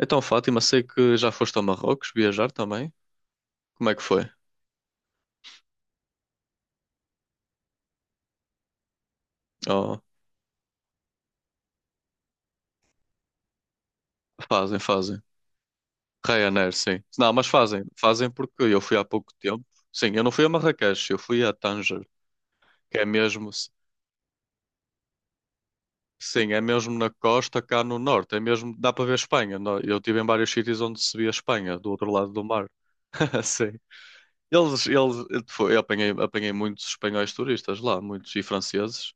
Então, Fátima, sei que já foste ao Marrocos viajar também. Como é que foi? Oh, fazem, fazem. Ryanair, sim. Não, mas fazem. Fazem porque eu fui há pouco tempo. Sim, eu não fui a Marrakech, eu fui a Tanger, que é mesmo, sim, é mesmo na costa cá no norte. É mesmo, dá para ver Espanha. Eu estive em vários sítios onde se via Espanha, do outro lado do mar. Sim. Eu apanhei muitos espanhóis turistas lá, muitos e franceses.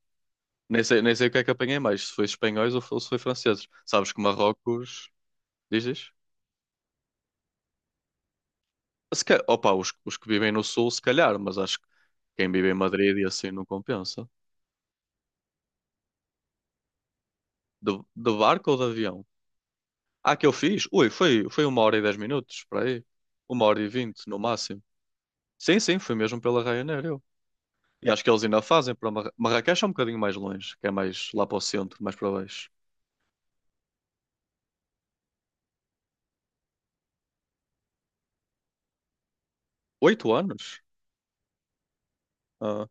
Nem sei o que é que apanhei mais, se foi espanhóis ou se foi franceses. Sabes que Marrocos. Diz, diz. Se ca- Opa, os que vivem no sul, se calhar, mas acho que quem vive em Madrid e assim não compensa. De barco ou de avião? Ah, que eu fiz? Ui, foi 1 hora e 10 minutos, para aí. 1 hora e 20, no máximo. Sim, sim, foi mesmo pela Ryanair, eu. E acho que eles ainda fazem para Marrakech é um bocadinho mais longe, que é mais lá para o centro, mais para baixo. 8 anos? Ah,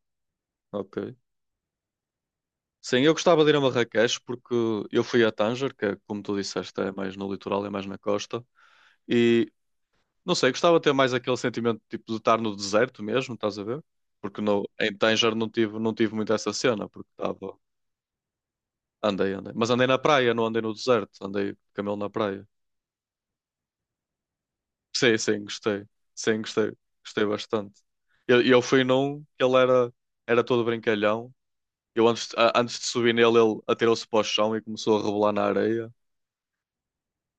ok. Sim, eu gostava de ir a Marrakech porque eu fui a Tanger, que é, como tu disseste, é mais no litoral, é mais na costa. E não sei, gostava de ter mais aquele sentimento tipo de estar no deserto mesmo, estás a ver? Porque em Tanger não tive muito essa cena, porque estava. Andei, andei. Mas andei na praia, não andei no deserto, andei de camelo na praia. Sim, sim, gostei. Sim, gostei. Gostei bastante. Eu fui num que ele era todo brincalhão. Eu antes, antes de subir nele, ele atirou-se para o chão e começou a rebolar na areia.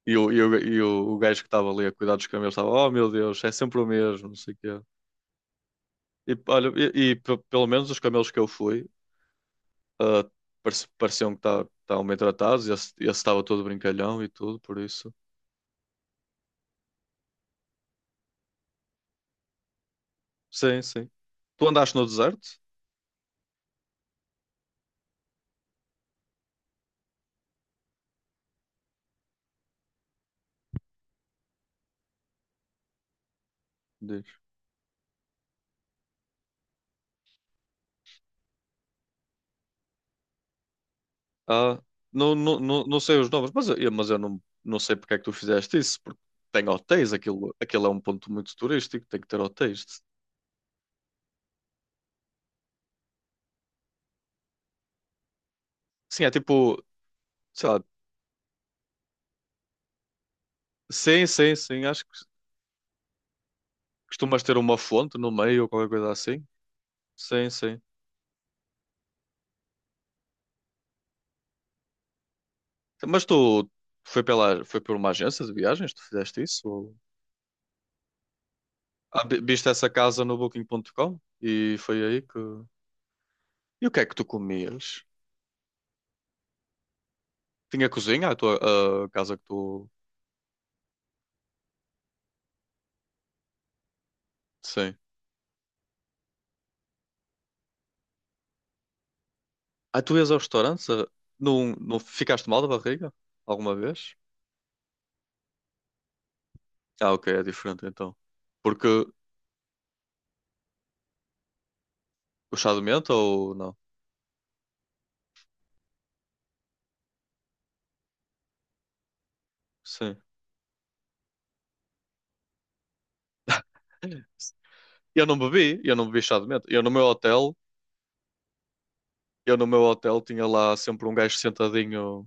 E o gajo que estava ali a cuidar dos camelos estava, oh meu Deus, é sempre o mesmo, não sei o quê. E, olha, pelo menos os camelos que eu fui, ah, pareciam que estavam bem tratados, esse estava todo brincalhão e tudo, por isso. Sim, sim. Tu andaste no deserto? Diz. Ah, não, não, não, não sei os nomes, mas eu não sei porque é que tu fizeste isso, porque tem hotéis, aquilo é um ponto muito turístico, tem que ter hotéis. Sim, é tipo, sei lá, sim, sim, sim, acho que costumas ter uma fonte no meio ou qualquer coisa assim. Sim, sim. Mas tu foi por uma agência de viagens, tu fizeste isso? Ah, viste essa casa no Booking.com? E foi aí que. E o que é que tu comias? Tinha cozinha, a casa que tu. Sim. Ah, tu ias ao restaurante? Não, não ficaste mal da barriga? Alguma vez? Ah, ok, é diferente então. Porque o chá de menta ou não? Sim. Eu não bebi chá de menta. Eu no meu hotel tinha lá sempre um gajo sentadinho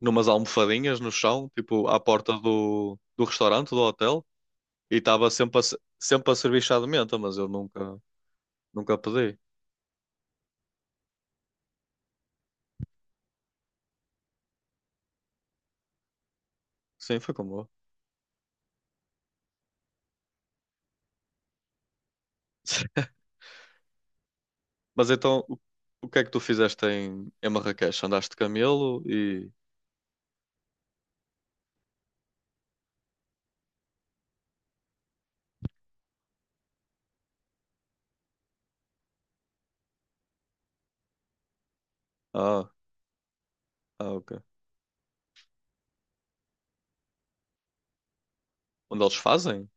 numas almofadinhas no chão, tipo à porta do restaurante, do hotel. E estava sempre a, se- sempre a servir chá de menta, mas eu nunca pedi. Sim, foi como eu. Mas então, o que é que tu fizeste em Marrakech? Andaste de camelo e. Ah, ok. Onde eles fazem?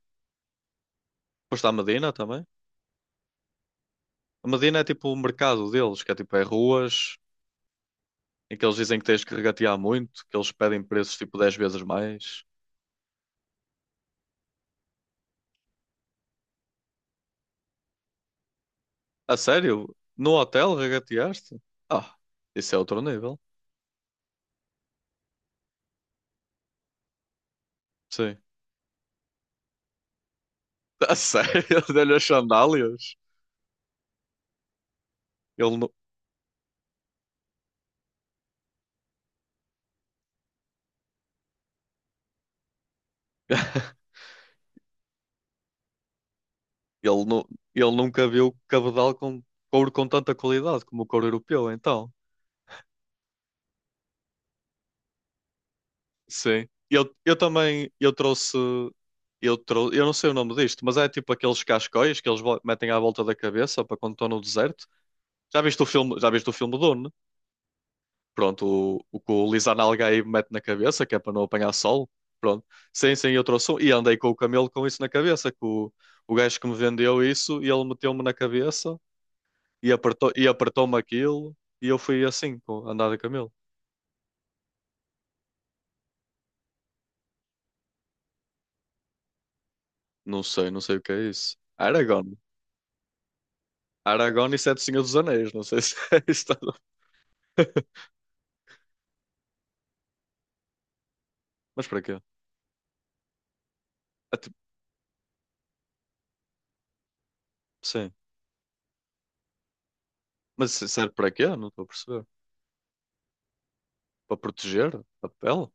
Foste à Medina também? A Medina é tipo o mercado deles, que é tipo é ruas em que eles dizem que tens que regatear muito, que eles pedem preços tipo 10 vezes mais. A sério? No hotel regateaste? Ah, isso é outro nível. Sim. A sério? Deu-lhe as sandálias? Ele não. Ele, nu- ele nunca viu cabedal com couro com tanta qualidade como o couro europeu, então. Sim. Eu também, eu trouxe, eu não sei o nome disto, mas é tipo aqueles cascóis que eles metem à volta da cabeça para quando estão no deserto. Já viste o filme Dune? Pronto, o que o Lisan Algaí mete na cabeça, que é para não apanhar sol. Pronto. Sim, sim, eu trouxe um. E andei com o camelo com isso na cabeça, que o gajo que me vendeu isso, e ele meteu-me na cabeça. E apertou-me aquilo e eu fui assim, andar de camelo. Não sei o que é isso. Aragorn. Aragorn e Sete Senhores dos Anéis, não sei se é isto. Mas para quê? É tipo, sim. Mas serve para quê? Não estou a perceber. Para proteger a pele?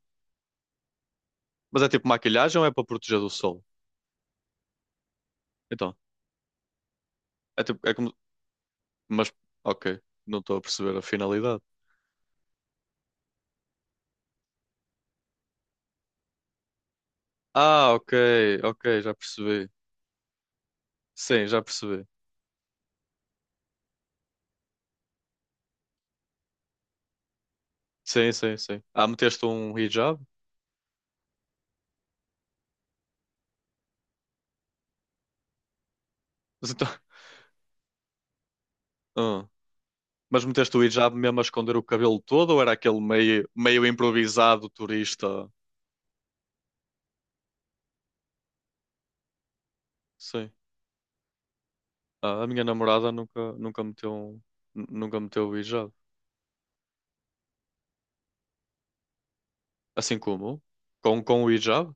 Mas é tipo maquilhagem ou é para proteger do sol? Então, é tipo, é como. Mas, ok, não estou a perceber a finalidade. Ah, ok, ok, já percebi. Sim, já percebi. Sim, sim, sim. Ah, meteste um hijab? Mas então. ah. Mas meteste o hijab mesmo a esconder o cabelo todo ou era aquele meio, meio improvisado turista? Sim. Ah, a minha namorada nunca meteu o hijab. Assim como? Com o hijab?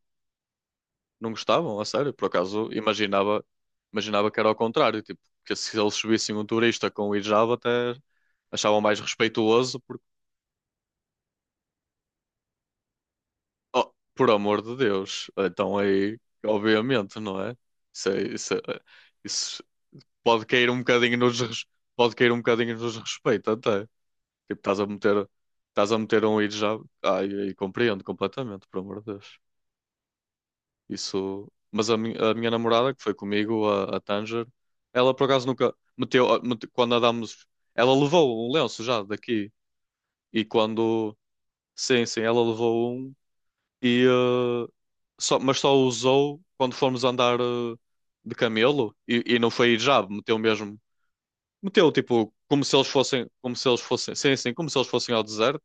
Não gostavam? A sério? Por acaso imaginava que era ao contrário. Tipo, que se eles subissem um turista com o hijab até achavam mais respeituoso porque, oh, por amor de Deus. Então aí, obviamente, não é? Isso, é- isso, é- isso pode cair um bocadinho nos respeito até. Tipo, estás a meter um ir já. Ai, ai, compreendo completamente, pelo amor de Deus. Isso. Mas a minha namorada, que foi comigo, a Tanger, ela por acaso nunca meteu quando andámos, ela levou um lenço já daqui. E quando, sim, sim, ela levou um e mas só usou quando fomos andar de camelo e não foi hijab, meteu mesmo. Meteu, tipo, como se eles fossem, sim, sim, como se eles fossem ao deserto.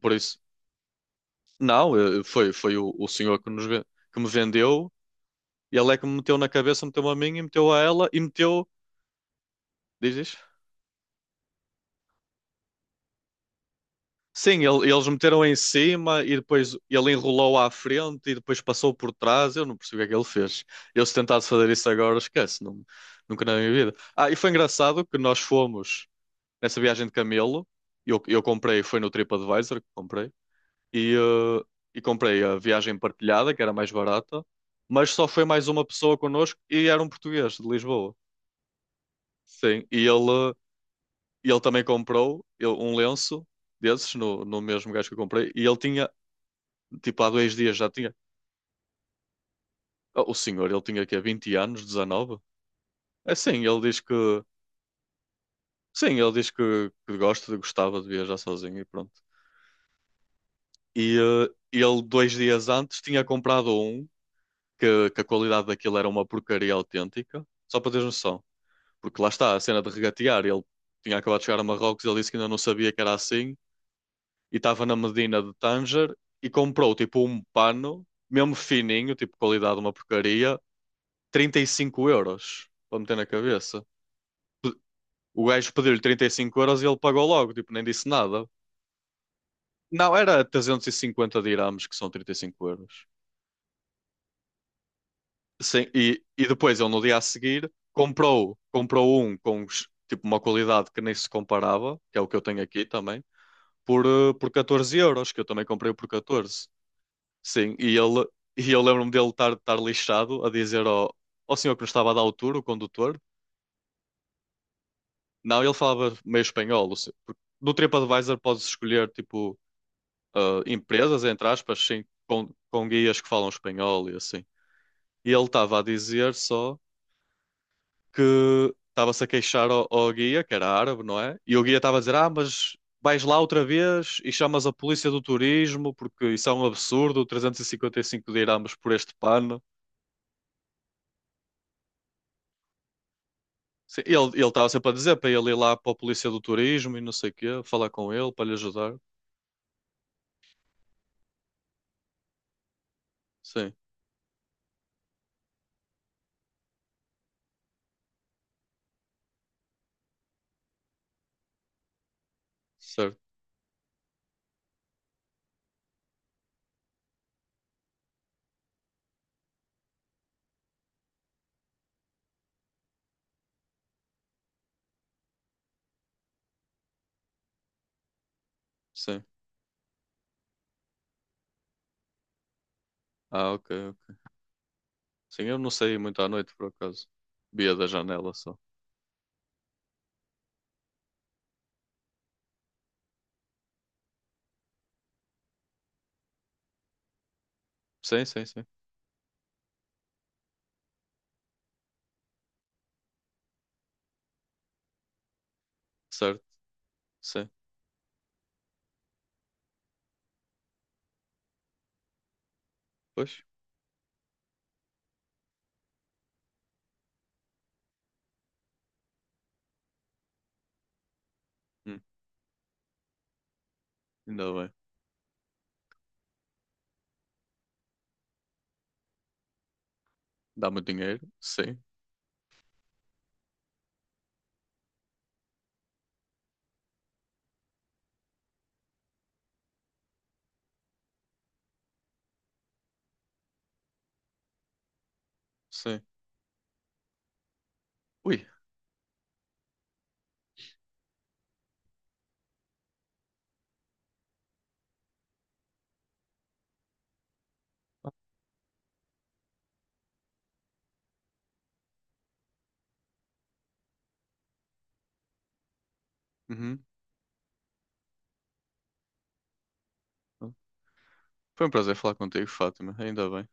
Por isso, não, foi o senhor que que me vendeu, e ele é que me meteu na cabeça, meteu-me a mim e meteu a ela e meteu, dizes? Sim, eles meteram em cima e depois ele enrolou à frente e depois passou por trás. Eu não percebi o que é que ele fez. Eu, se tentasse fazer isso agora, esquece, não, nunca na minha vida. Ah, e foi engraçado que nós fomos nessa viagem de camelo. Eu comprei, foi no TripAdvisor que comprei. e, eh, e comprei a viagem partilhada, que era mais barata, mas só foi mais uma pessoa connosco e era um português de Lisboa. Sim, e ele também comprou um lenço desses no mesmo gajo que eu comprei e ele tinha, tipo, há 2 dias já tinha. Oh, o senhor, ele tinha aqui 20 anos, 19? É sim, ele diz que. Sim, ele diz que gostava de viajar sozinho e pronto. E ele, 2 dias antes, tinha comprado um que a qualidade daquilo era uma porcaria autêntica, só para teres noção. Porque lá está, a cena de regatear. Ele tinha acabado de chegar a Marrocos, ele disse que ainda não sabia que era assim, e estava na Medina de Tanger e comprou tipo um pano, mesmo fininho, tipo qualidade uma porcaria, 35€ para meter na cabeça. Pe- O gajo pediu-lhe 35€ e ele pagou logo, tipo, nem disse nada. Não, era 350 dirhams, que são 35 euros. Sim, e depois ele no dia a seguir comprou um com tipo uma qualidade que nem se comparava, que é o que eu tenho aqui também por 14€, que eu também comprei por 14. Sim, e eu lembro-me dele estar lixado a dizer ao senhor que nos estava a dar o tour, o condutor. Não, ele falava meio espanhol, o se- porque no TripAdvisor podes escolher, tipo, empresas, entre aspas, sim, com guias que falam espanhol e assim. E ele estava a dizer só que estava-se a queixar ao guia, que era árabe, não é? E o guia estava a dizer: Ah, mas vais lá outra vez e chamas a polícia do turismo, porque isso é um absurdo, 355 dirhams por este pano. Sim, ele estava sempre a dizer para ele ir lá para a polícia do turismo e não sei o quê, falar com ele para lhe ajudar. Sim, certo, sim. Ah, ok, ok. Sim, eu não saí muito à noite, por acaso. Via da janela só. Sim, sim, sim. Certo, sim. Pois, hum, ainda bem. Dá muito dinheiro? Sim, sim. Ui. Uhum. Foi um prazer falar contigo, Fátima. Ainda bem.